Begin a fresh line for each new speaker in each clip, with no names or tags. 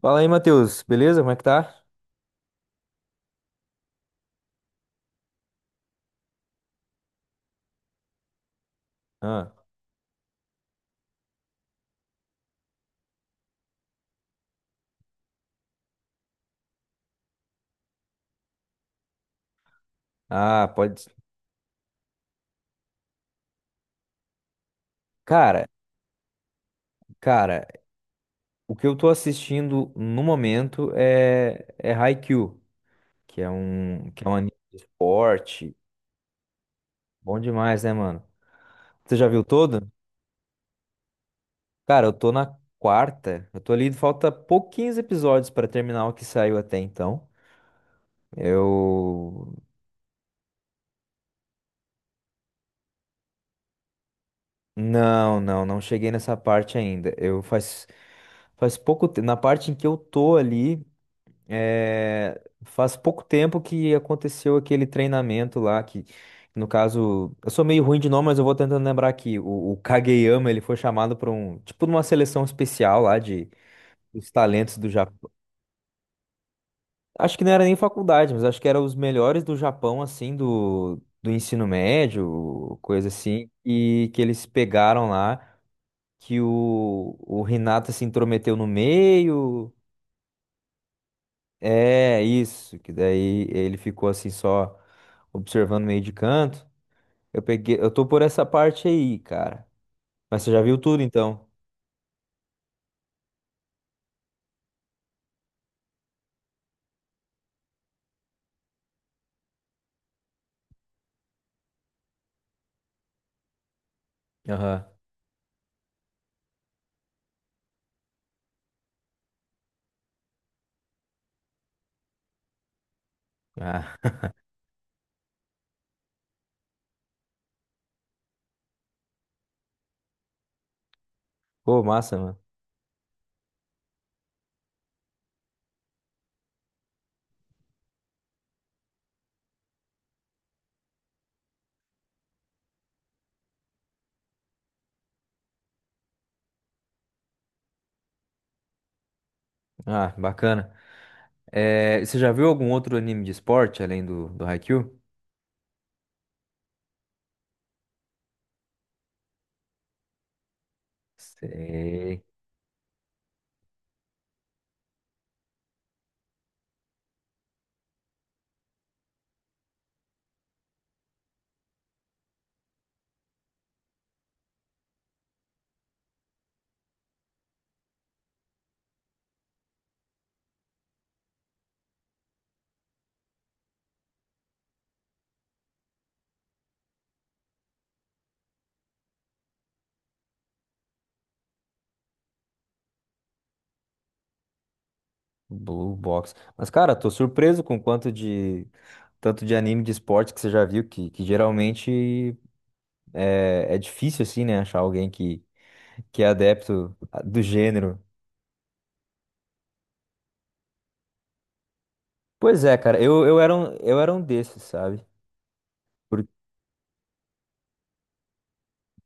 Fala aí, Matheus. Beleza? Como é que tá? Ah, ah, pode. Cara, cara, o que eu tô assistindo no momento é Haikyuu, que é um anime de esporte. Bom demais, né, mano? Você já viu todo? Cara, eu tô na quarta. Eu tô ali, falta pouquinhos episódios pra terminar o que saiu até então. Eu não cheguei nessa parte ainda. Eu faz pouco tempo, na parte em que eu tô ali. É, faz pouco tempo que aconteceu aquele treinamento lá, que no caso, eu sou meio ruim de nome, mas eu vou tentando lembrar aqui. O Kageyama, ele foi chamado para um, tipo, numa seleção especial lá de os talentos do Japão. Acho que não era nem faculdade, mas acho que era os melhores do Japão, assim, do ensino médio, coisa assim, e que eles pegaram lá, que o Hinata se intrometeu no meio. É isso, que daí ele ficou assim só observando meio de canto. Eu peguei, eu tô por essa parte aí, cara. Mas você já viu tudo então? Aham. Ah, pô, massa, mano. Ah, bacana. É, você já viu algum outro anime de esporte além do Haikyuu? Sei, Blue Box. Mas, cara, tô surpreso com quanto de tanto de anime de esporte que você já viu, que geralmente é difícil, assim, né, achar alguém que é adepto do gênero. Pois é, cara, eu era um desses, sabe? Por-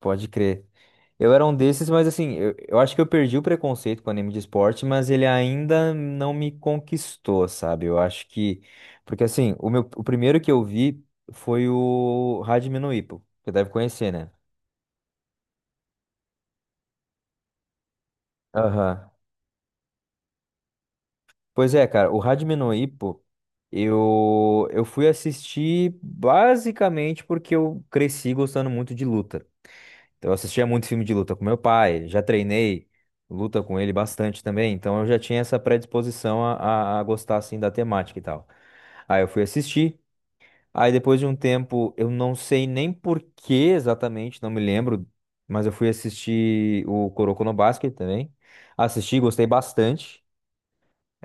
pode crer. Eu era um desses, mas assim, eu acho que eu perdi o preconceito com anime de esporte, mas ele ainda não me conquistou, sabe? Eu acho que. Porque assim, o meu, o primeiro que eu vi foi o Hajime no Ippo. Você deve conhecer, né? Aham. Pois é, cara, o Hajime no Ippo, eu fui assistir basicamente porque eu cresci gostando muito de luta. Então, eu assistia muito filme de luta com meu pai, já treinei luta com ele bastante também, então eu já tinha essa predisposição a gostar assim da temática e tal. Aí eu fui assistir, aí depois de um tempo, eu não sei nem por que exatamente, não me lembro, mas eu fui assistir o Kuroko no Basket também. Assisti, gostei bastante.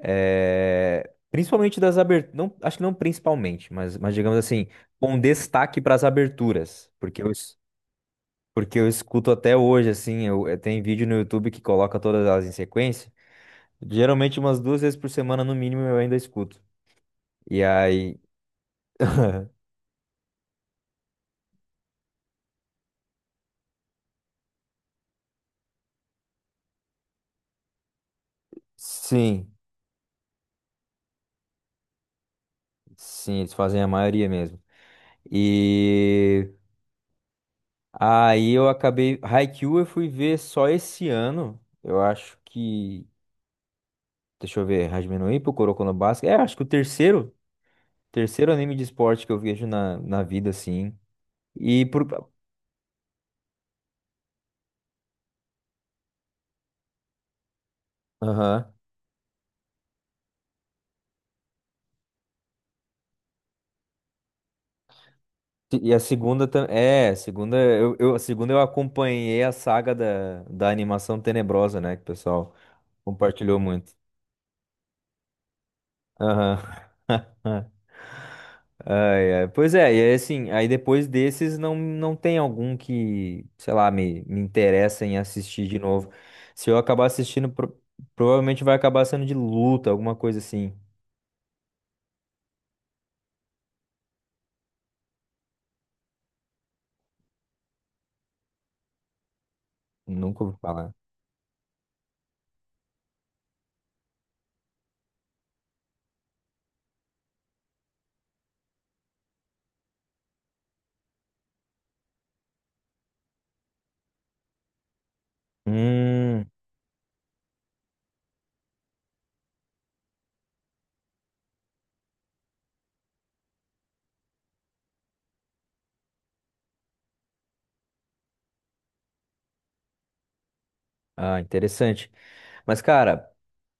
Principalmente das aberturas, não, acho que não principalmente, mas digamos assim, com destaque para as aberturas, porque eu escuto até hoje, assim, tem vídeo no YouTube que coloca todas elas em sequência. Geralmente umas duas vezes por semana, no mínimo, eu ainda escuto. E aí, sim, sim, eles fazem a maioria mesmo. E aí eu acabei. Haikyuu eu fui ver só esse ano. Eu acho que. Deixa eu ver, Hajime no Ippo, Kuroko no Basket. É, acho que o terceiro anime de esporte que eu vejo na vida, assim. E por. Aham. E a segunda também é, a segunda eu acompanhei a saga da animação tenebrosa, né, que o pessoal compartilhou muito. Aham. Ai, ai. Pois é, e aí, assim, aí depois desses não tem algum que, sei lá, me interessa em assistir de novo. Se eu acabar assistindo, provavelmente vai acabar sendo de luta, alguma coisa assim. Nunca ouvi falar. Hum, ah, interessante. Mas, cara,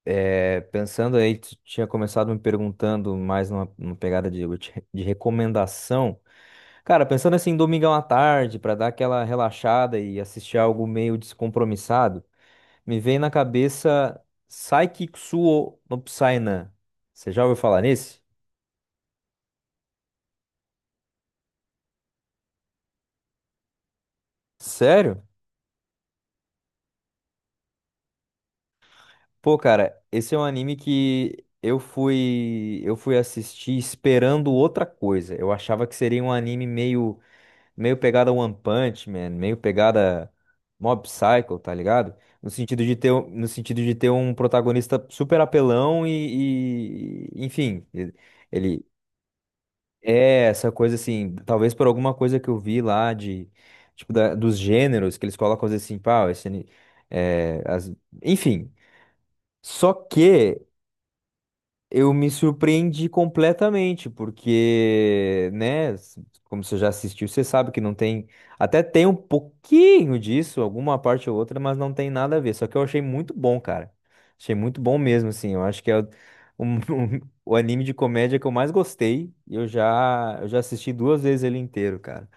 é, pensando aí, tu tinha começado me perguntando mais numa pegada de, recomendação. Cara, pensando assim, domingão à tarde, pra dar aquela relaxada e assistir algo meio descompromissado, me veio na cabeça Saikikusuo no Psyna. Você já ouviu falar nesse? Sério? Pô, cara, esse é um anime que eu fui assistir esperando outra coisa. Eu achava que seria um anime meio pegada One Punch Man, meio pegada Mob Psycho, tá ligado? No sentido de ter, um- no sentido de ter um protagonista super apelão e enfim, ele é essa coisa assim, talvez por alguma coisa que eu vi lá de tipo dos gêneros que eles colocam às vezes assim, pá, esse ani- é, as- enfim. Só que eu me surpreendi completamente, porque, né, como você já assistiu, você sabe que não tem, até tem um pouquinho disso, alguma parte ou outra, mas não tem nada a ver. Só que eu achei muito bom, cara. Achei muito bom mesmo, assim. Eu acho que é um- o anime de comédia que eu mais gostei e eu já assisti duas vezes ele inteiro, cara.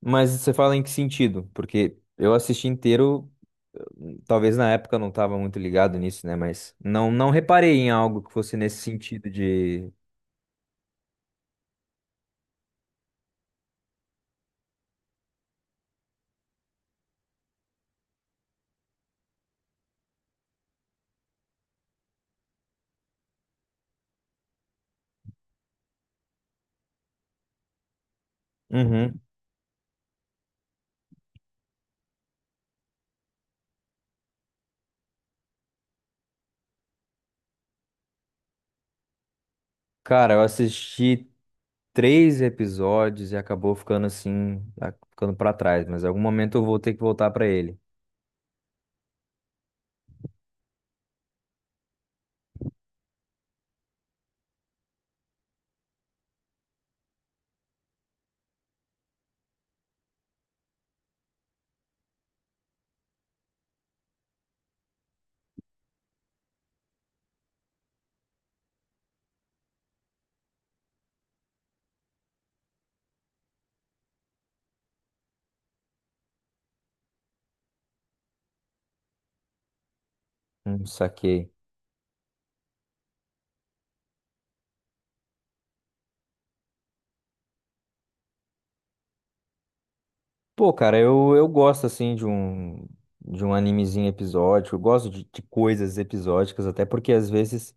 Mas você fala em que sentido? Porque eu assisti inteiro. Talvez na época eu não estava muito ligado nisso, né? Mas não, não reparei em algo que fosse nesse sentido de. Uhum. Cara, eu assisti três episódios e acabou ficando assim, ficando pra trás, mas em algum momento eu vou ter que voltar pra ele. Saquei. Pô, cara, eu gosto assim de um animezinho episódico, eu gosto de coisas episódicas, até porque às vezes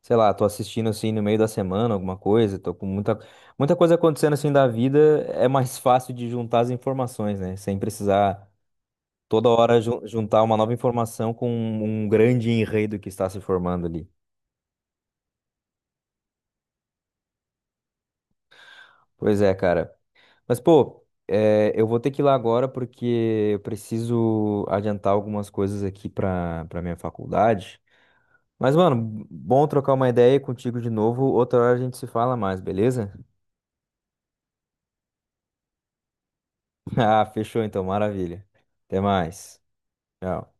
sei lá, tô assistindo assim no meio da semana alguma coisa, tô com muita, muita coisa acontecendo assim da vida, é mais fácil de juntar as informações, né? Sem precisar toda hora juntar uma nova informação com um grande enredo que está se formando ali. Pois é, cara. Mas, pô, é, eu vou ter que ir lá agora porque eu preciso adiantar algumas coisas aqui pra minha faculdade. Mas, mano, bom trocar uma ideia contigo de novo. Outra hora a gente se fala mais, beleza? Ah, fechou então, maravilha. Até mais. Tchau.